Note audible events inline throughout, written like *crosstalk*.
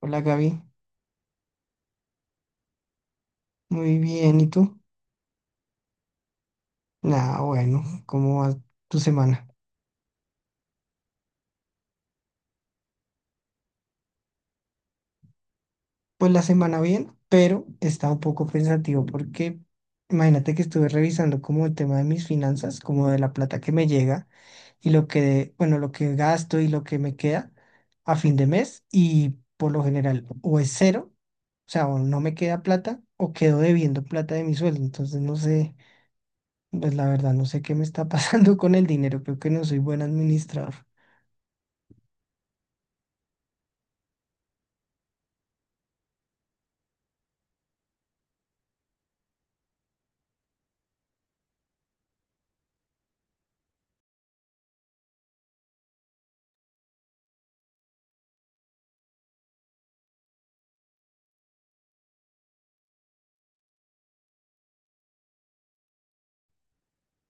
Hola Gaby, muy bien, ¿y tú? Nada, bueno, ¿cómo va tu semana? Pues la semana bien, pero está un poco pensativo porque imagínate que estuve revisando como el tema de mis finanzas, como de la plata que me llega y lo que, bueno, lo que gasto y lo que me queda a fin de mes y por lo general o es cero, o sea, o no me queda plata o quedo debiendo plata de mi sueldo, entonces no sé, pues la verdad no sé qué me está *laughs* pasando con el dinero, creo que no soy buen administrador.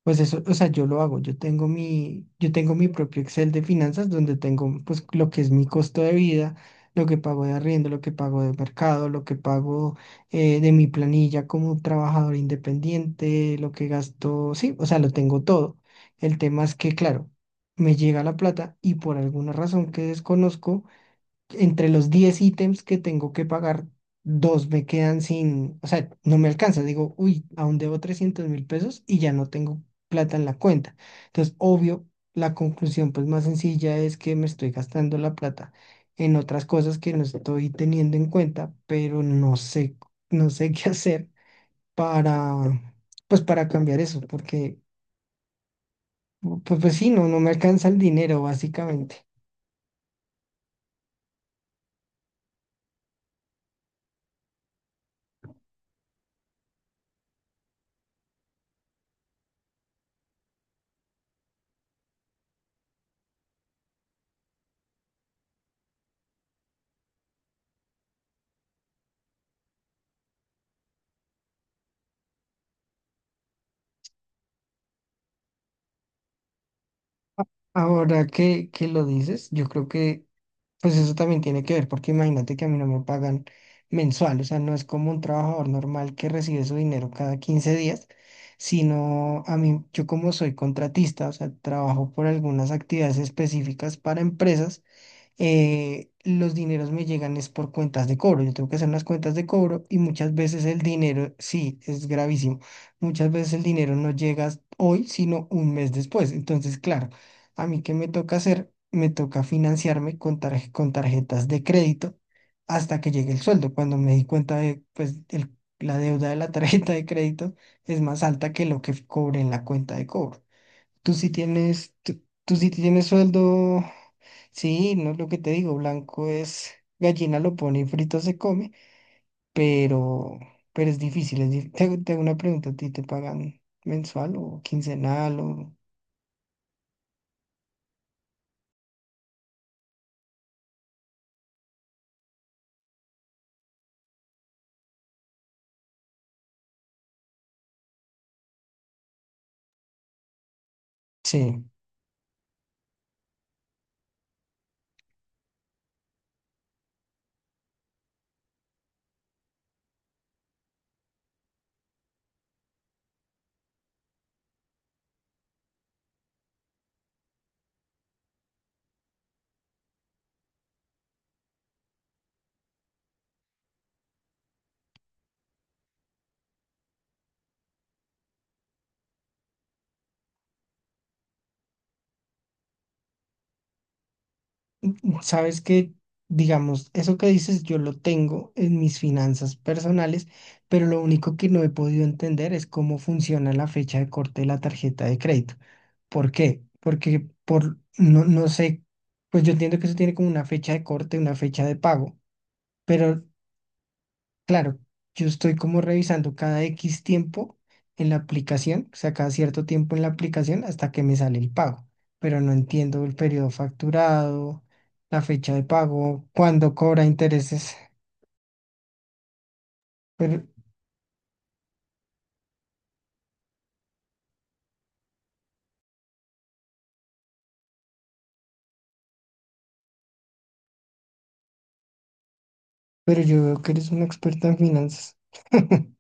Pues eso, o sea, yo lo hago, yo tengo mi propio Excel de finanzas donde tengo pues lo que es mi costo de vida, lo que pago de arriendo, lo que pago de mercado, lo que pago de mi planilla como trabajador independiente, lo que gasto, sí, o sea, lo tengo todo. El tema es que, claro, me llega la plata y por alguna razón que desconozco, entre los 10 ítems que tengo que pagar, dos me quedan sin, o sea, no me alcanza. Digo, uy, aún debo 300.000 pesos y ya no tengo plata en la cuenta. Entonces, obvio, la conclusión pues más sencilla es que me estoy gastando la plata en otras cosas que no estoy teniendo en cuenta, pero no sé *laughs* qué hacer para, pues para cambiar eso, porque pues, pues sí, no, no me alcanza el dinero básicamente. Ahora que lo dices, yo creo que pues eso también tiene que ver, porque imagínate que a mí no me pagan mensual, o sea, no es como un trabajador normal que recibe su dinero cada 15 días, sino a mí, yo como soy contratista, o sea, trabajo por algunas actividades específicas para empresas, los dineros me llegan es por cuentas de cobro. Yo tengo que hacer unas cuentas de cobro y muchas veces el dinero, sí, es gravísimo. Muchas veces el dinero no llega hoy, sino un mes después. Entonces, claro, a mí qué me toca hacer, me toca financiarme con tarjetas de crédito hasta que llegue el sueldo. Cuando me di cuenta de, pues, la deuda de la *laughs* tarjeta de crédito es más alta que lo que cobré en la cuenta de cobro. Tú sí tienes sueldo. Sí, no es lo que te digo, blanco es gallina lo pone y frito se come, pero, pero es difícil. Te hago una pregunta, ¿a ti te pagan mensual o quincenal o...? Sí, sabes que, digamos, eso que dices yo lo tengo en mis finanzas personales, pero lo único que no he podido entender es cómo funciona la fecha de corte de la tarjeta de crédito. ¿Por qué? Porque no, no sé, pues yo entiendo que eso tiene como una fecha de corte, una fecha de pago. Pero, claro, yo estoy como revisando cada X tiempo en la aplicación, o sea, cada cierto tiempo en la aplicación hasta que me sale el pago, pero no entiendo el periodo facturado, la fecha de pago, cuándo cobra intereses, pero, pero yo veo que eres una experta en finanzas. *laughs*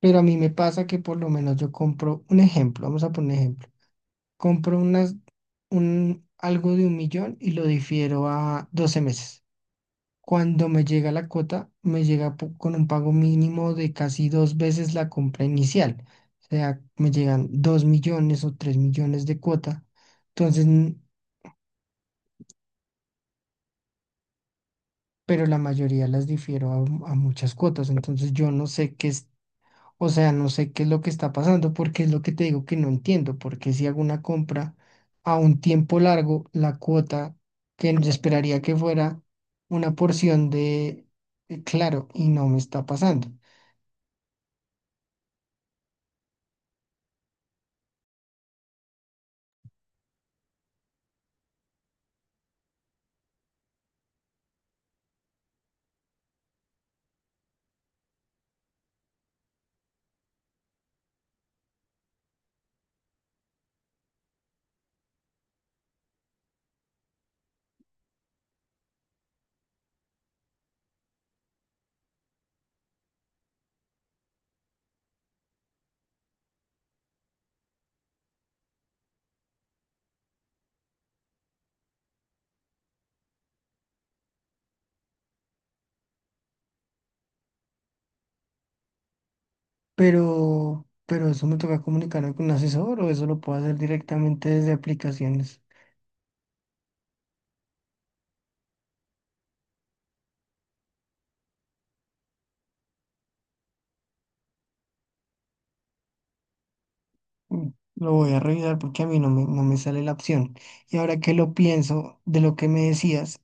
Pero a mí me pasa que por lo menos yo compro un ejemplo, vamos a poner un ejemplo, compro algo de 1 millón y lo difiero a 12 meses. Cuando me llega la cuota, me llega con un pago mínimo de casi dos veces la compra inicial. O sea, me llegan 2 millones o 3 millones de cuota. Entonces, pero la mayoría las difiero a, muchas cuotas. Entonces, yo no sé qué es, o sea, no sé qué es lo que está pasando, porque es lo que te digo que no entiendo. Porque si hago una compra a un tiempo largo, la cuota que yo esperaría que fuera una porción de, claro, y no me está pasando. Pero eso me toca comunicarme con un asesor o eso lo puedo hacer directamente desde aplicaciones. Mm, lo voy a revisar porque a mí no me sale la opción. Y ahora que lo pienso de lo que me decías,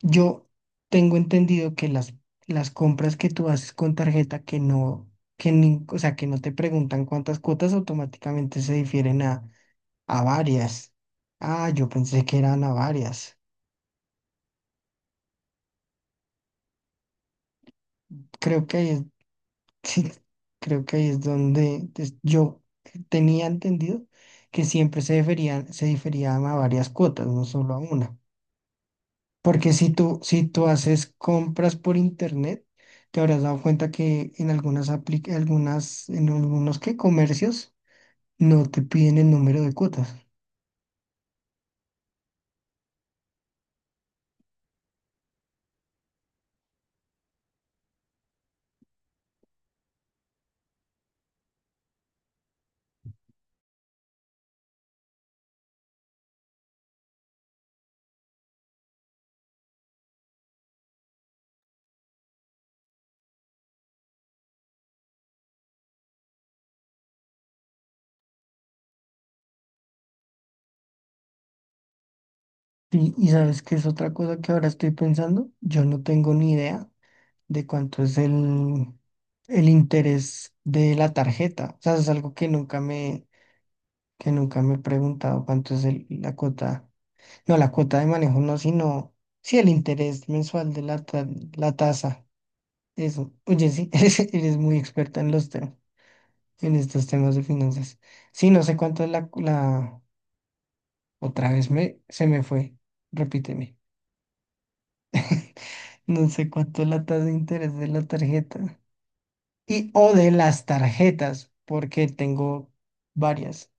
yo tengo entendido que las compras que tú haces con tarjeta que no, que o sea, que no te preguntan cuántas cuotas automáticamente se difieren a varias. Ah, yo pensé que eran a varias. Creo que ahí es Sí, creo que ahí es donde yo tenía entendido que siempre se deferían, se diferían a varias cuotas, no solo a una. Porque si tú haces compras por internet, te habrás dado cuenta que en algunas apli- algunas, en algunos que comercios no te piden el número de cuotas. Y sabes que es otra cosa que ahora estoy pensando, yo no tengo ni idea de cuánto es el interés de la tarjeta. O sea, es algo que nunca me he preguntado cuánto es la cuota, no la cuota de manejo, no, sino sí el interés mensual de la tasa. Eso, oye, sí, *laughs* eres muy experta en los temas, en estos temas de finanzas. Sí, no sé cuánto es otra vez se me fue, repíteme. *laughs* No sé cuánto es la tasa de interés de la tarjeta. Y o de las tarjetas, porque tengo varias.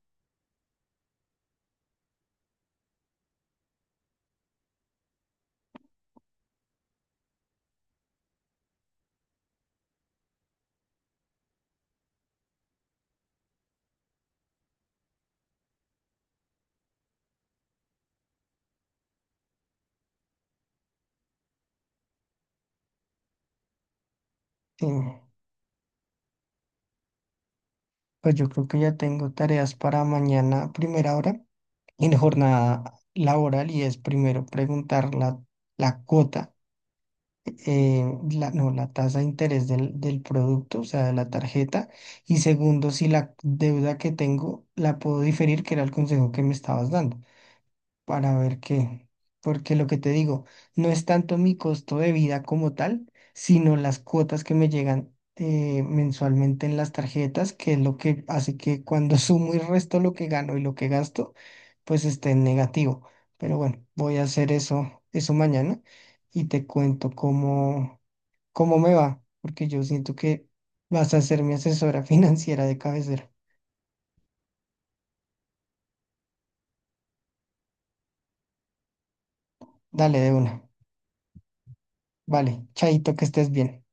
Sí, pues yo creo que ya tengo tareas para mañana, primera hora. En jornada laboral y es primero preguntar la cuota, eh, la, no, la tasa de interés del producto, o sea, de la tarjeta, y segundo, si la deuda que tengo la puedo diferir, que era el consejo que me estabas dando para ver qué. Porque lo que te digo, no es tanto mi costo de vida como tal, sino las cuotas que me llegan mensualmente en las tarjetas, que es lo que hace que cuando *laughs* sumo y resto lo que gano y lo que gasto, pues esté en negativo. Pero bueno, voy a hacer eso, eso mañana y te cuento cómo me va, porque yo siento que vas a ser mi asesora *laughs* financiera de cabecera. Dale de una. Vale, chaito, que estés bien.